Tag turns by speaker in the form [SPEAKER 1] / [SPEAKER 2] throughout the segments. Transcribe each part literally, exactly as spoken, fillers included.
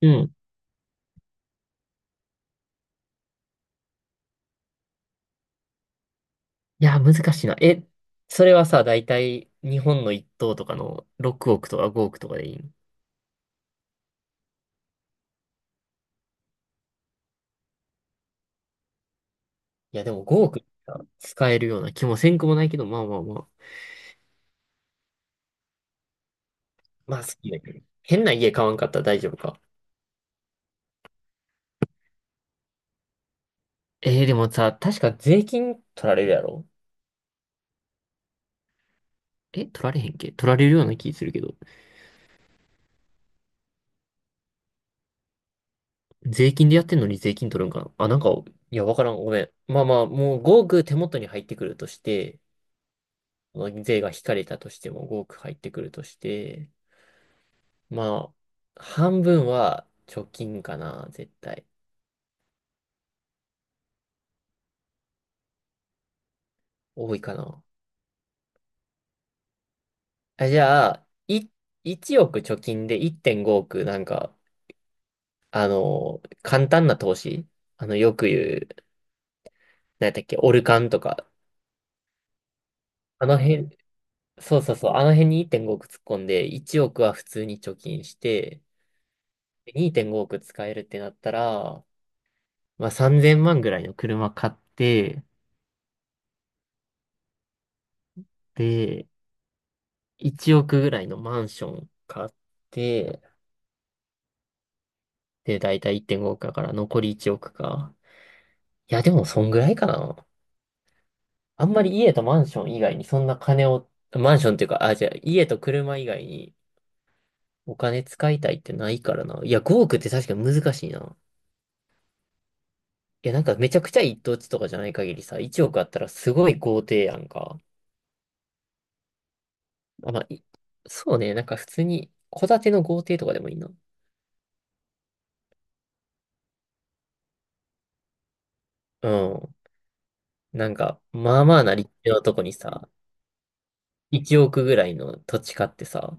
[SPEAKER 1] うん。いや、難しいな。え、それはさ、だいたい日本の一等とかのろくおくとかごおくとかでいいの？いや、でもごおくさ使えるような気もせんくもないけど、まあまあまあ。まあ好きだけど。変な家買わんかったら大丈夫か。えー、でもさ、確か税金取られるやろ？え、取られへんっけ？取られるような気するけど。税金でやってんのに税金取るんかなあ、なんか、いや、わからん。ごめん。まあまあ、もうごおく手元に入ってくるとして、税が引かれたとしてもごおく入ってくるとして、まあ、半分は貯金かな、絶対。多いかな。あ、じゃあ、い、いちおく貯金でいってんごおく、なんか、あの、簡単な投資、あの、よく言う、何やったっけ、オルカンとか。あの辺、そうそうそう、あの辺にいってんごおく突っ込んで、いちおくは普通に貯金して、でにてんごおく使えるってなったら、まあさんぜんまんぐらいの車買って、で、いちおくぐらいのマンション買って、で、だいたいいってんごおくだから残りいちおくか。いや、でもそんぐらいかな。あんまり家とマンション以外にそんな金を、マンションっていうか、あ、じゃあ家と車以外にお金使いたいってないからな。いや、ごおくって確かに難しいな。いや、なんかめちゃくちゃ一等地とかじゃない限りさ、いちおくあったらすごい豪邸やんか。あ、まあ、いそうね、なんか普通に戸建ての豪邸とかでもいいな。うん。なんか、まあまあな立地のとこにさ、いちおくぐらいの土地買ってさ、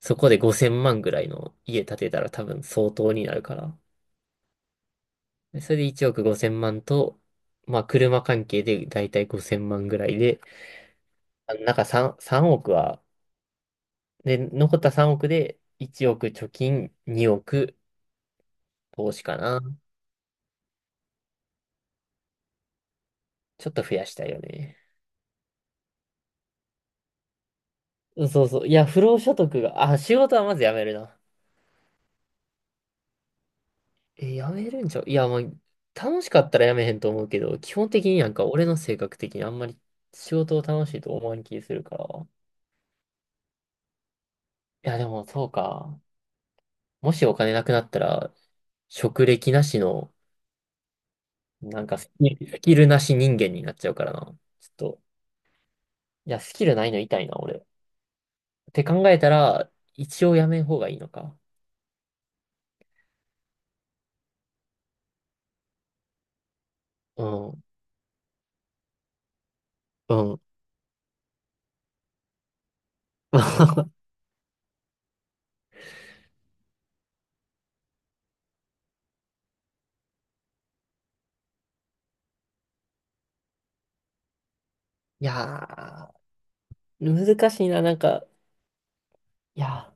[SPEAKER 1] そこでごせんまんぐらいの家建てたら多分相当になるから。でそれでいちおくごせんまんと、まあ車関係でだいたいごせんまんぐらいで、あなんか3、さんおくは、で、残ったさんおくでいちおく貯金、におく投資かな。ちょっと増やしたいよね。うん、そうそう。いや、不労所得が、あ、仕事はまずやめるな。え、やめるんちゃう？いや、まあ、楽しかったらやめへんと思うけど、基本的になんか俺の性格的にあんまり仕事を楽しいと思わん気するから。いや、でもそうか。もしお金なくなったら、職歴なしの、なんかスキル、スキルなし人間になっちゃうからな。ちょっと、いや、スキルないの痛いな、俺。って考えたら、一応やめん方がいいのか。うん、うん。いやー、難しいな、なんか、いやー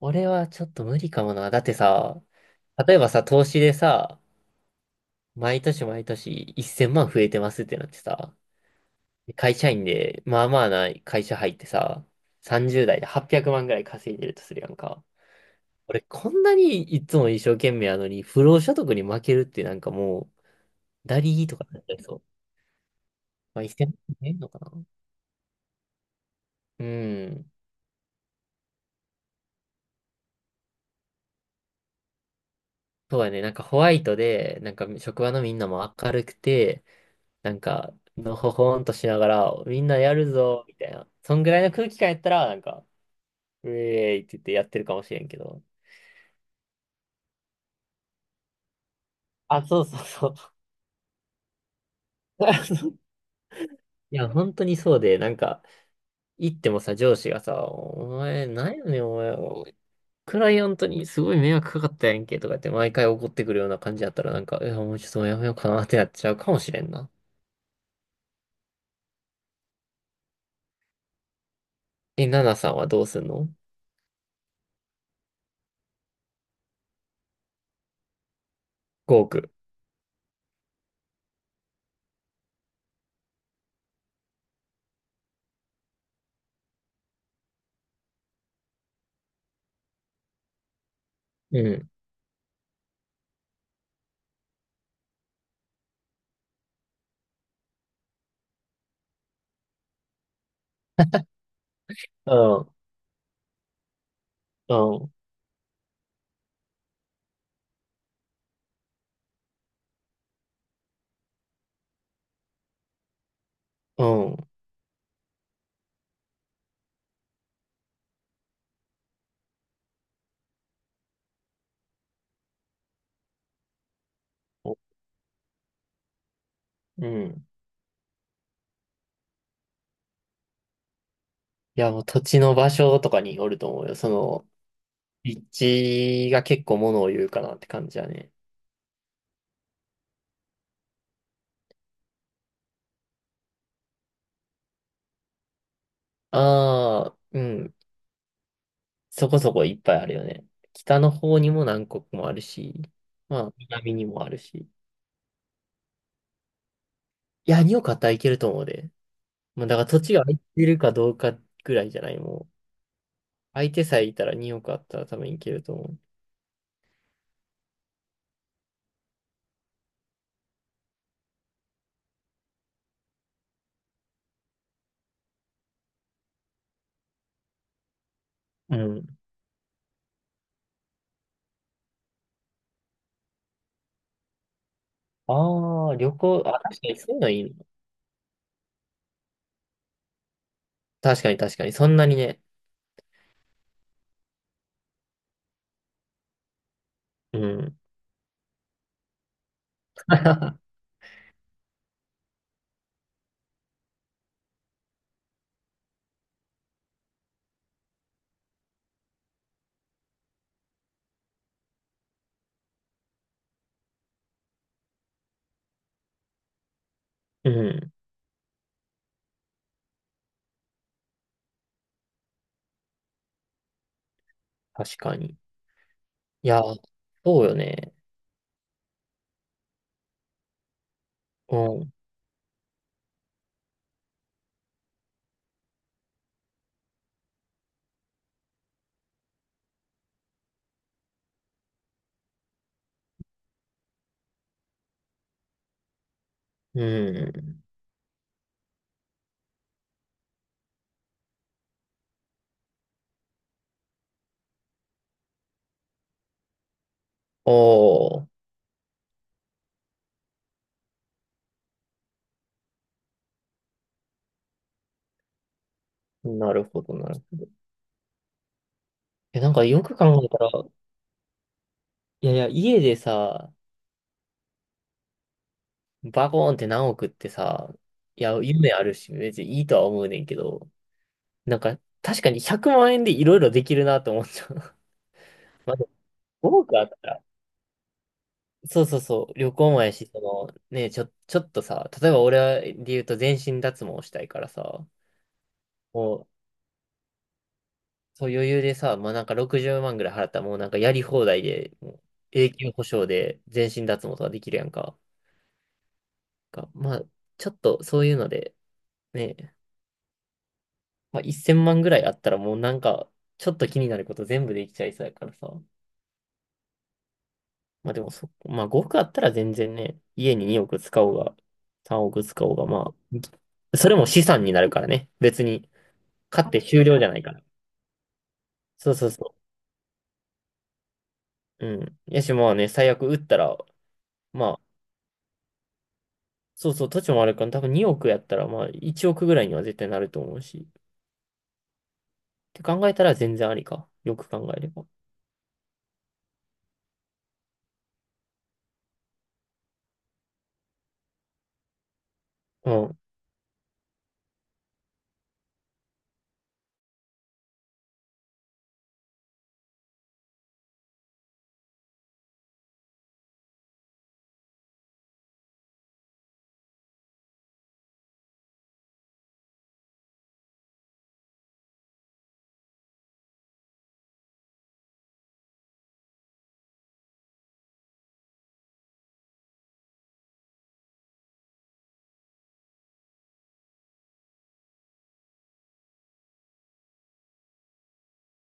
[SPEAKER 1] 俺はちょっと無理かもな。だってさ、例えばさ、投資でさ、毎年毎年せんまん増えてますってなってさ、会社員で、まあまあな会社入ってさ、さんじゅう代ではっぴゃくまんぐらい稼いでるとするやんか。俺、こんなにいつも一生懸命やのに、不労所得に負けるってなんかもう、ダリーとかになっちゃいそう。まあ、せんまん増えんのかな。うん。そうやね。なんかホワイトで、なんか職場のみんなも明るくて、なんか、のほほんとしながら、みんなやるぞ、みたいな。そんぐらいの空気感やったら、なんか、ウェーイって言ってやってるかもしれんけど。あ、そうそうそう。いや、本当にそうで、なんか、行ってもさ、上司がさ、お前、なんやねん、お前、クライアントにすごい迷惑かかったやんけ、とかって毎回怒ってくるような感じだったら、なんか、いや、もうちょっともうやめようかなってなっちゃうかもしれんな。え、ナナさんはどうすんの ?ご 億。うん。うん。うん。うん。うん。いや、もう土地の場所とかによると思うよ。その、立地が結構ものを言うかなって感じだね。ああ、うん。そこそこいっぱいあるよね。北の方にも南国もあるし、まあ、南にもあるし。いや、におかったらいけると思うで。もうだから土地が空いてるかどうかぐらいじゃない、もう。相手さえいたらにおかあったら多分いけると思う。うん。ああ、旅行、あ、確かにそういうのいいの。確かに確かに、そんなにね。うん。うん。確かに。いや、そうよね。うん。うん。おー。なるほど、なるほど。え、なんかよく考えたら、いやいや、家でさ、バコーンって何億ってさ、いや、夢あるし、別にいいとは思うねんけど、なんか、確かにひゃくまん円でいろいろできるなと思っちゃう。まあ、でも億あったら、そうそうそう、旅行もやし、その、ね、ちょ、ちょっとさ、例えば俺で言うと全身脱毛したいからさ、もそう余裕でさ、まあなんかろくじゅうまんぐらい払ったらもうなんかやり放題で、もう永久保証で全身脱毛とかできるやんか。かまあちょっとそういうので、ね、まあ、せんまんぐらいあったらもうなんかちょっと気になること全部できちゃいそうやからさ。まあでもそ、まあごおくあったら全然ね、家ににおく使おうが、さんおく使おうが、まあ、それも資産になるからね。別に、買って終了じゃないから。そうそうそう。うん。やし、まあね、最悪売ったら、まあそうそう、土地もあるから、多分におくやったら、まあいちおくぐらいには絶対なると思うし。って考えたら全然ありか。よく考えれば。うん。